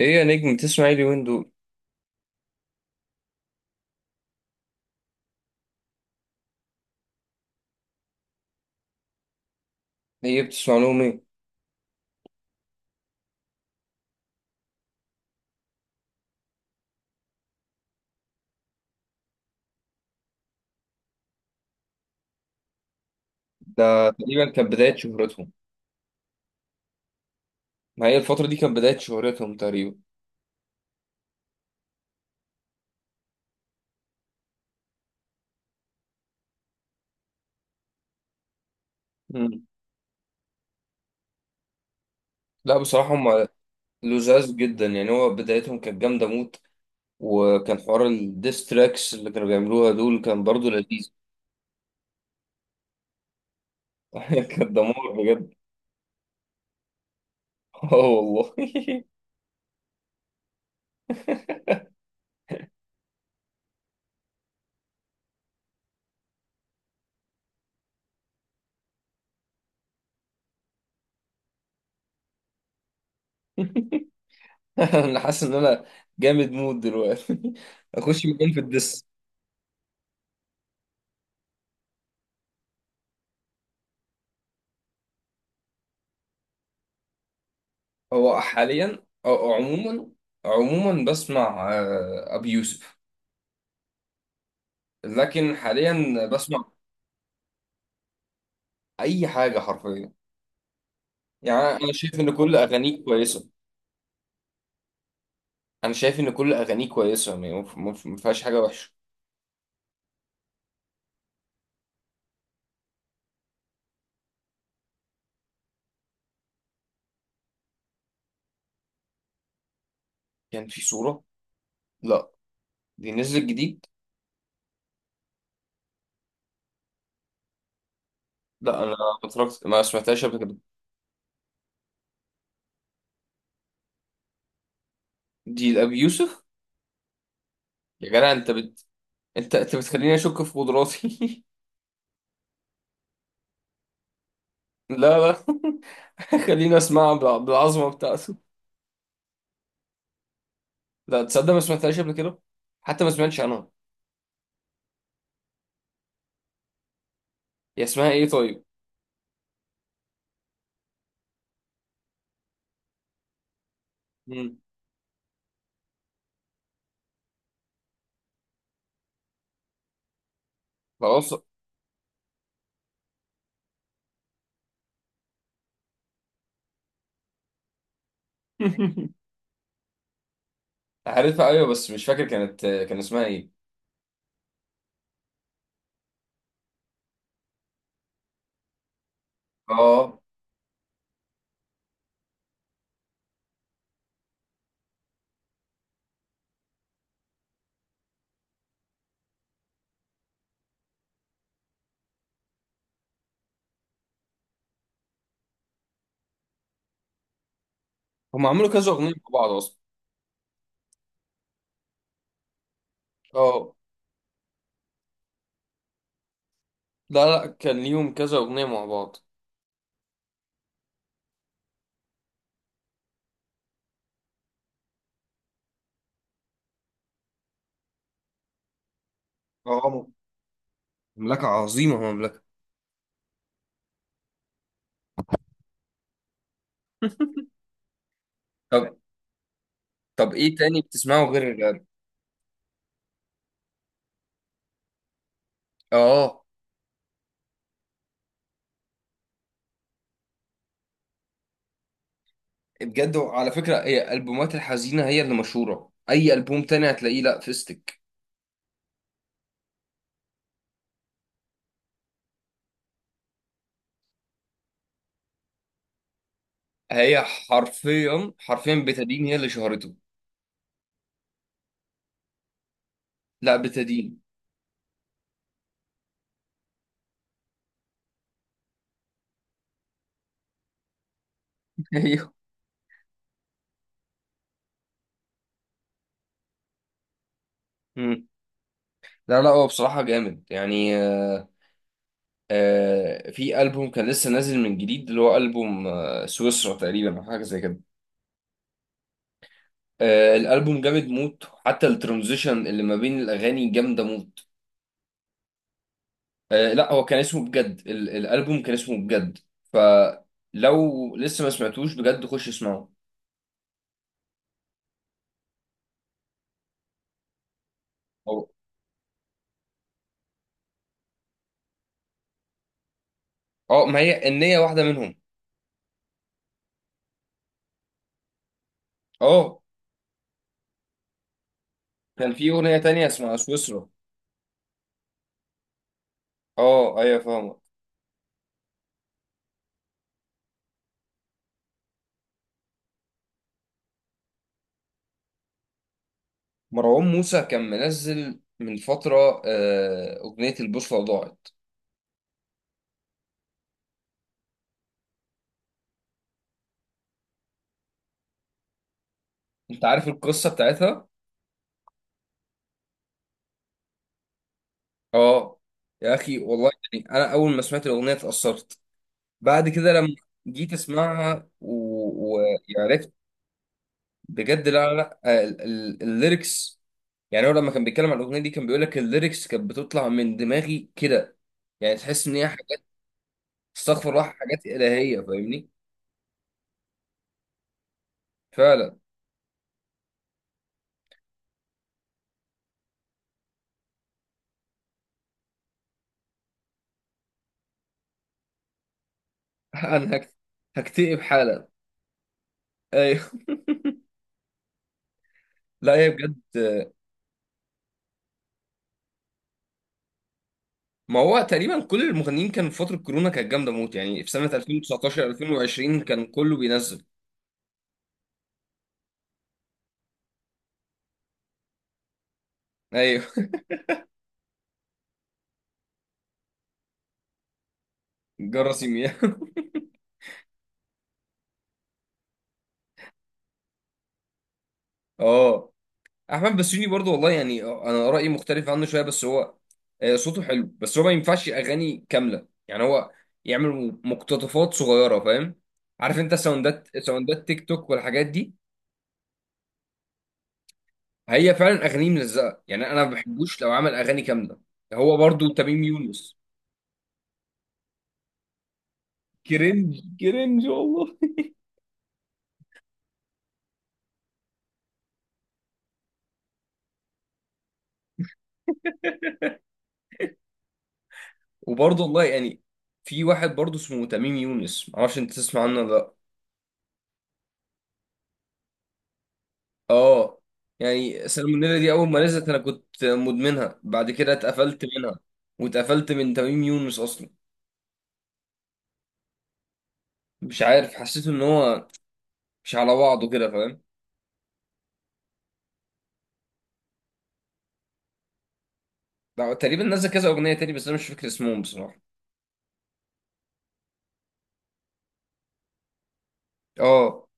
ايه يا نجم بتسمع ايه اليومين دول؟ ايه بتسمع لهم ايه؟ ده تقريبا كانت بداية شهرتهم. ما هي الفترة دي كانت بداية شهرتهم تقريبا. مم. لا بصراحة هم لزاز جدا، يعني هو بدايتهم كانت جامدة موت. وكان حوار الديستراكس اللي كانوا بيعملوها دول كان برضو لذيذ. كان دمار بجد. اه والله. انا حاسس ان انا جامد مود دلوقتي اخش مكان في الدس. هو حاليا او عموما؟ عموما بسمع ابي يوسف. لكن حاليا بسمع اي حاجه حرفيا. يعني انا شايف ان كل اغانيك كويسه. انا شايف ان كل اغانيك كويسه، يعني ما فيهاش حاجه وحشه. كان في صوره. لا. دي نزلت جديد؟ لا انا ما اتفرجت ما سمعتهاش قبل كده. دي لابي يوسف؟ يا جدع انت انت بتخليني اشك في قدراتي. لا لا. خليني اسمعها بالعظمه بتاعته. لا تصدق ما سمعتهاش قبل كده، حتى ما سمعتش عنها. هي اسمها ايه طيب؟ مم. خلاص عارفها ايوه، بس مش فاكر كانت كان اسمها ايه. اه. هم عملوا كذا اغنيه مع بعض اصلا. اه. لا لا كان ليهم كذا اغنيه مع بعض. اه. مملكة عظيمة مملكة. طب. طب ايه تاني بتسمعه غير الراب؟ اه. بجد على فكره، هي البومات الحزينه هي اللي مشهوره، اي البوم تاني هتلاقيه لا فيستك. هي حرفيا حرفيا بتدين هي اللي شهرته. لا بتدين. ايوه. مم. لا لا هو بصراحه جامد، يعني في ألبوم كان لسه نازل من جديد اللي هو ألبوم سويسرا تقريبا أو حاجة زي كده. الألبوم جامد موت، حتى الترانزيشن اللي ما بين الأغاني جامدة موت. لا هو كان اسمه بجد، الألبوم كان اسمه بجد. فلو لسه ما سمعتوش بجد خش اسمعه. أو اه ما هي النية واحدة منهم. اه كان في أغنية تانية اسمها سويسرا. اه أيوة فاهمك. مروان موسى كان منزل من فترة أغنية البوصلة ضاعت. أنت عارف القصة بتاعتها؟ اه. يا اخي والله، يعني انا اول ما سمعت الاغنيه اتاثرت. بعد كده لما جيت اسمعها وعرفت بجد. لا لا لا الليركس. يعني هو لما كان بيتكلم عن الاغنيه دي كان بيقول لك الليركس كانت بتطلع من دماغي كده. يعني تحس ان هي حاجات استغفر الله، حاجات الهيه فاهمني. فعلا. انا هكتئب حالا. ايوه لا هي بجد. ما هو تقريبا كل المغنيين كانوا في فتره كورونا كانت جامده موت، يعني في سنه 2019 2020 كان كله بينزل. ايوه جرس يمين اه. احمد بسيوني برضو والله، يعني انا رايي مختلف عنه شويه، بس هو صوته حلو بس هو ما ينفعش اغاني كامله. يعني هو يعمل مقتطفات صغيره فاهم. عارف انت ساوندات ساوندات تيك توك والحاجات دي. هي فعلا اغانيه ملزقه، يعني انا ما بحبوش لو عمل اغاني كامله. هو برضو تميم يونس. كرنج كرنج والله. وبرضو والله يعني في واحد برضو اسمه تميم يونس، معرفش انت تسمع عنه ولا لا. اه. يعني السالمونيلا دي اول ما نزلت انا كنت مدمنها، بعد كده اتقفلت منها. واتقفلت من تميم يونس اصلا. مش عارف، حسيت ان هو مش على بعضه كده فاهم. ده تقريبا نزل كذا اغنيه تاني بس انا مش فاكر اسمهم بصراحه. اه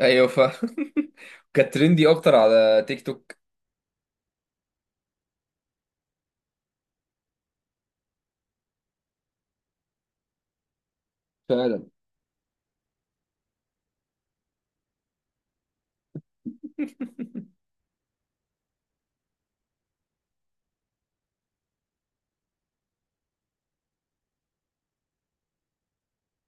ايوه ف كانت ترندي اكتر على تيك توك. فعلا.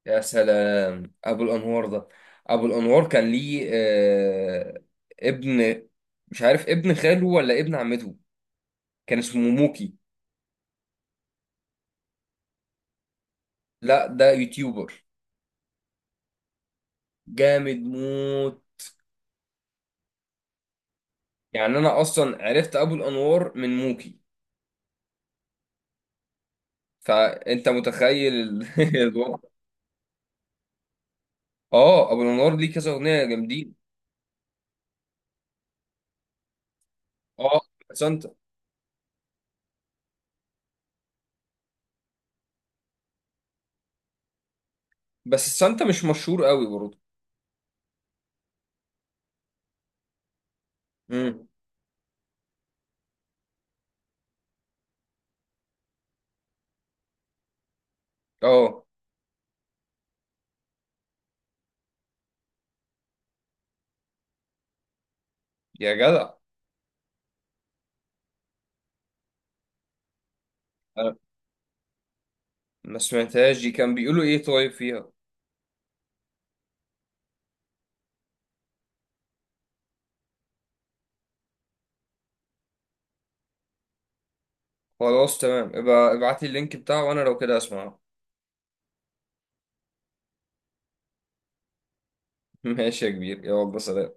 يا سلام ابو الانوار ده. ابو الانوار كان ليه ابن، مش عارف ابن خاله ولا ابن عمته، كان اسمه موكي. لا ده يوتيوبر جامد موت. يعني انا اصلا عرفت ابو الانوار من موكي. فانت متخيل الوضع. اه ابو الانوار ليه كذا اغنيه جامدين. اه. سانتا. بس سانتا مش مشهور قوي برضه. امم. اه. يا جدع. أنا ما سمعتهاش دي، كان بيقولوا ايه طيب فيها؟ خلاص تمام، ابقى ابعت لي اللينك بتاعه وانا لو كده اسمعه. ماشي يا كبير، يلا سلام.